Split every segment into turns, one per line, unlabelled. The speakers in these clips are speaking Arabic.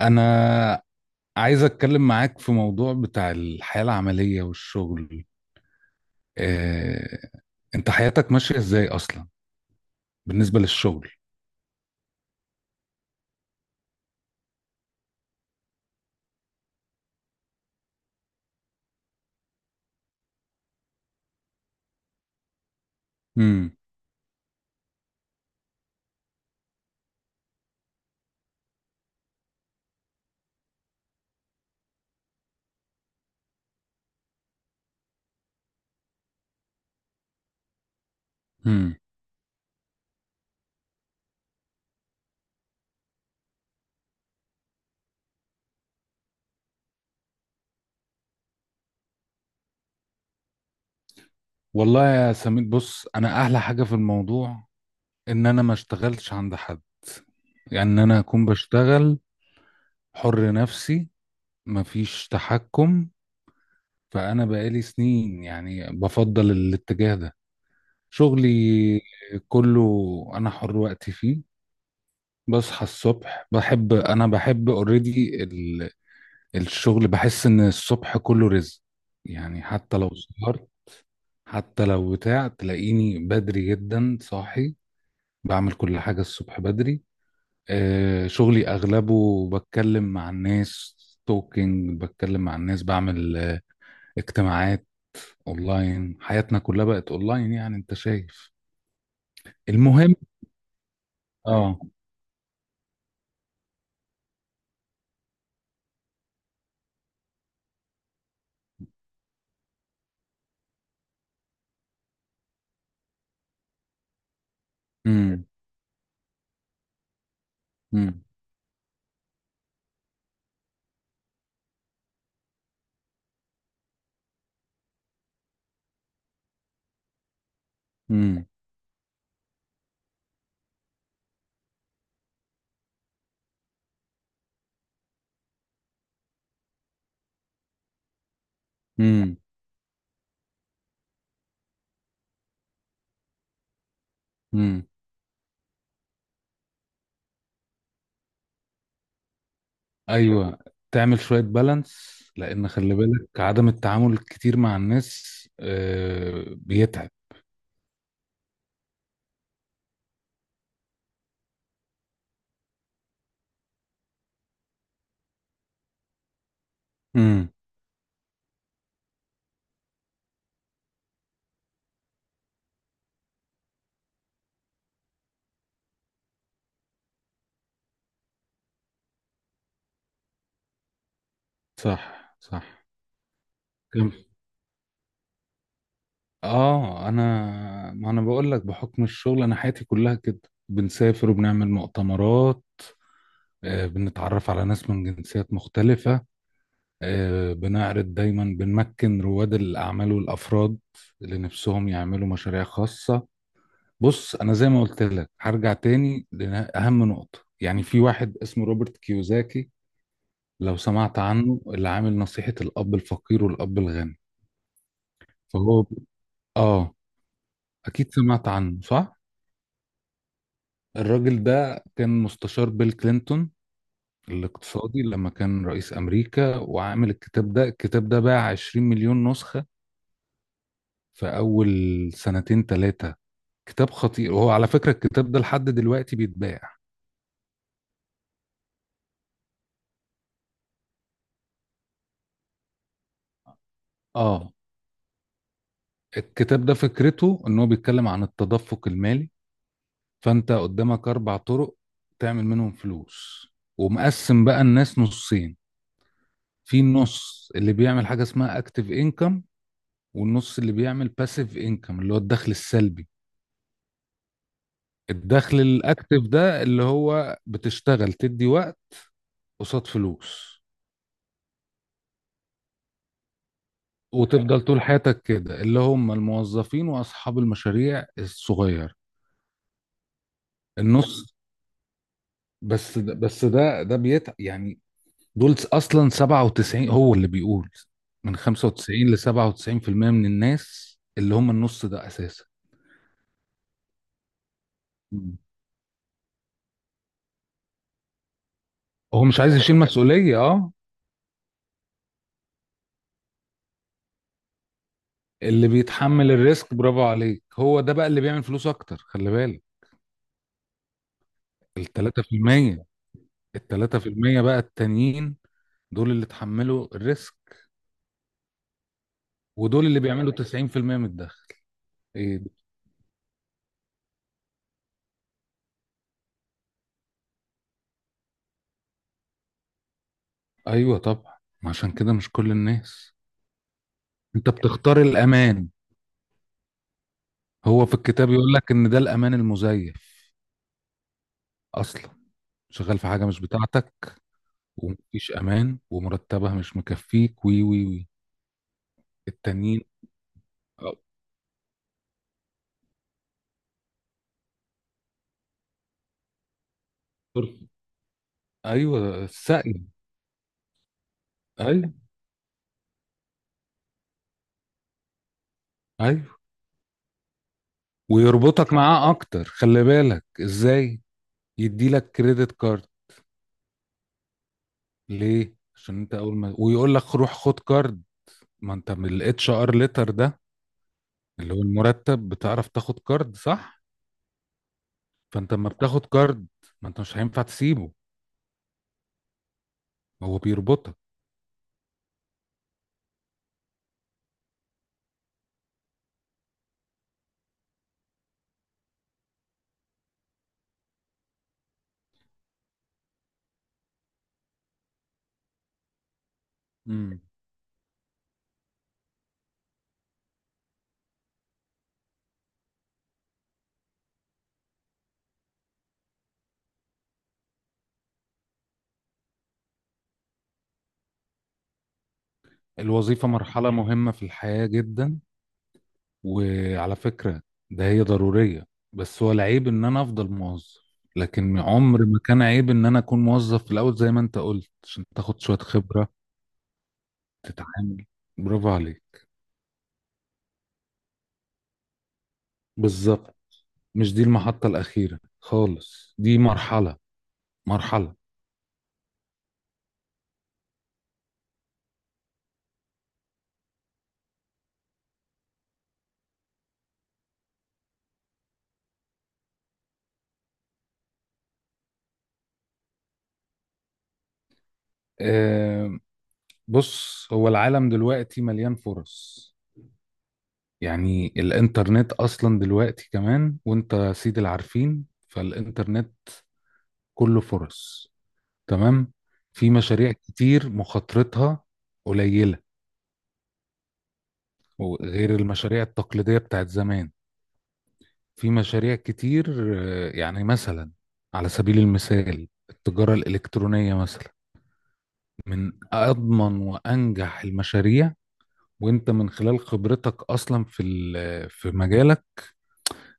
أنا عايز أتكلم معاك في موضوع بتاع الحياة العملية والشغل. إيه، أنت حياتك ماشية إزاي أصلا بالنسبة للشغل؟ مم. مم. والله يا سمير، بص، أنا أحلى حاجة في الموضوع إن أنا ما اشتغلتش عند حد، يعني إن أنا أكون بشتغل حر نفسي، مفيش تحكم. فأنا بقالي سنين يعني بفضل الاتجاه ده، شغلي كله أنا حر وقتي فيه. بصحى الصبح، بحب اوريدي الشغل، بحس ان الصبح كله رزق، يعني حتى لو سهرت، حتى لو بتاع، تلاقيني بدري جدا صاحي، بعمل كل حاجة الصبح بدري. شغلي اغلبه بتكلم مع الناس، توكينج، بتكلم مع الناس، بعمل اجتماعات اونلاين. حياتنا كلها بقت اونلاين، يعني انت شايف. المهم، اه امم امم امم امم ايوه، تعمل شويه بالانس، لان خلي بالك، عدم التعامل الكتير مع الناس بيتعب. امم. صح، صح. كم، اه انا ما انا بقول لك بحكم الشغل، انا حياتي كلها كده، بنسافر وبنعمل مؤتمرات. بنتعرف على ناس من جنسيات مختلفه. بنعرض دايما، بنمكن رواد الاعمال والافراد اللي نفسهم يعملوا مشاريع خاصه. بص، انا زي ما قلت لك هرجع تاني لاهم نقطه، يعني في واحد اسمه روبرت كيوزاكي، لو سمعت عنه، اللي عامل نصيحه الاب الفقير والاب الغني. فهو، اه اكيد سمعت عنه، صح؟ الراجل ده كان مستشار بيل كلينتون الاقتصادي لما كان رئيس امريكا، وعامل الكتاب ده. الكتاب ده باع 20 مليون نسخه في اول سنتين ثلاثه. كتاب خطير، وهو على فكره الكتاب ده لحد دلوقتي بيتباع. اه، الكتاب ده فكرته ان هو بيتكلم عن التدفق المالي. فانت قدامك اربع طرق تعمل منهم فلوس. ومقسم بقى الناس نصين. في نص اللي بيعمل حاجة اسمها اكتيف انكم، والنص اللي بيعمل باسيف انكم اللي هو الدخل السلبي. الدخل الاكتيف ده اللي هو بتشتغل تدي وقت قصاد فلوس، وتفضل طول حياتك كده، اللي هم الموظفين واصحاب المشاريع الصغيرة. النص، بس ده بيتعب يعني. دول اصلا 97، هو اللي بيقول، من 95 ل 97% من الناس اللي هم النص ده اساسا. مم. هو مش عايز يشيل مسؤولية، اللي بيتحمل الريسك برافو عليك، هو ده بقى اللي بيعمل فلوس اكتر، خلي بالك. ال 3%، ال 3% بقى التانيين، دول اللي اتحملوا الريسك، ودول اللي بيعملوا 90% من الدخل. ايه ده؟ ايوه طبعا. ما عشان كده مش كل الناس، انت بتختار الامان. هو في الكتاب يقول لك ان ده الامان المزيف، اصلا شغال في حاجة مش بتاعتك، ومفيش أمان، ومرتبها مش مكفيك، وي وي وي التانيين. أو- أيوه السقي. أيوه، أيوه. ويربطك معاه أكتر، خلي بالك إزاي. يديلك كريدت كارد، ليه؟ عشان أنت أول ما، ويقول لك روح خد كارد، ما أنت من الاتش ار ليتر ده اللي هو المرتب، بتعرف تاخد كارد، صح؟ فأنت لما بتاخد كارد، ما أنت مش هينفع تسيبه، هو بيربطك. مم. الوظيفة مرحلة مهمة في الحياة جدا، وعلى فكرة ده هي ضرورية. بس هو العيب ان انا افضل موظف، لكن عمر ما كان عيب ان انا اكون موظف في الاول زي ما انت قلت، عشان تاخد شوية خبرة، تتعامل، برافو عليك. بالظبط، مش دي المحطة الأخيرة خالص، دي مرحلة، مرحلة. أه، بص، هو العالم دلوقتي مليان فرص. يعني الانترنت اصلا دلوقتي كمان، وانت سيد العارفين، فالانترنت كله فرص، تمام. في مشاريع كتير مخاطرتها قليلة، وغير المشاريع التقليدية بتاعت زمان. في مشاريع كتير، يعني مثلا على سبيل المثال التجارة الإلكترونية مثلا، من أضمن وأنجح المشاريع. وانت من خلال خبرتك اصلا في مجالك،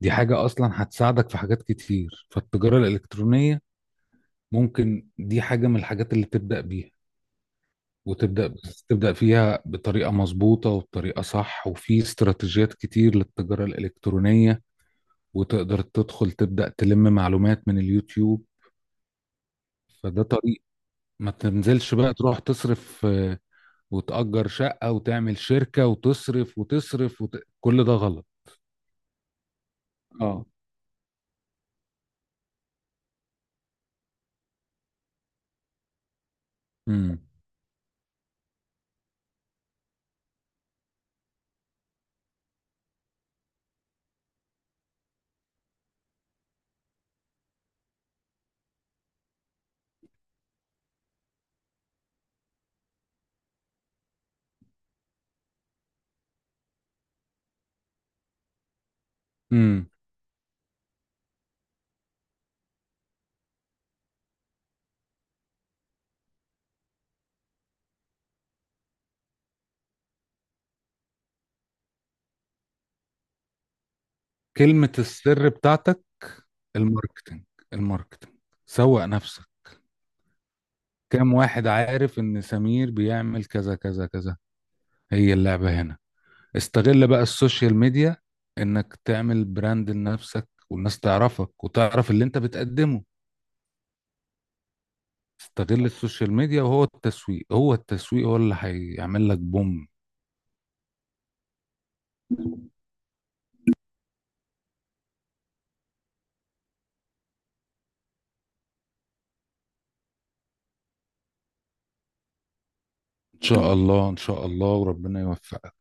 دي حاجة اصلا هتساعدك في حاجات كتير. فالتجارة الإلكترونية ممكن دي حاجة من الحاجات اللي تبدأ بيها، وتبدأ، بس تبدأ فيها بطريقة مظبوطة وبطريقة صح. وفي استراتيجيات كتير للتجارة الإلكترونية، وتقدر تدخل تبدأ تلم معلومات من اليوتيوب. فده طريق. ما تنزلش بقى تروح تصرف وتأجر شقة وتعمل شركة وتصرف وتصرف كل ده غلط. اه، امم امم كلمة السر بتاعتك، الماركتنج، الماركتنج، سوق نفسك. كام واحد عارف ان سمير بيعمل كذا كذا كذا؟ هي اللعبة هنا، استغل بقى السوشيال ميديا، انك تعمل براند لنفسك والناس تعرفك وتعرف اللي انت بتقدمه. استغل السوشيال ميديا، وهو التسويق، هو التسويق هو اللي هيعمل لك بوم. ان شاء الله، ان شاء الله، وربنا يوفقك.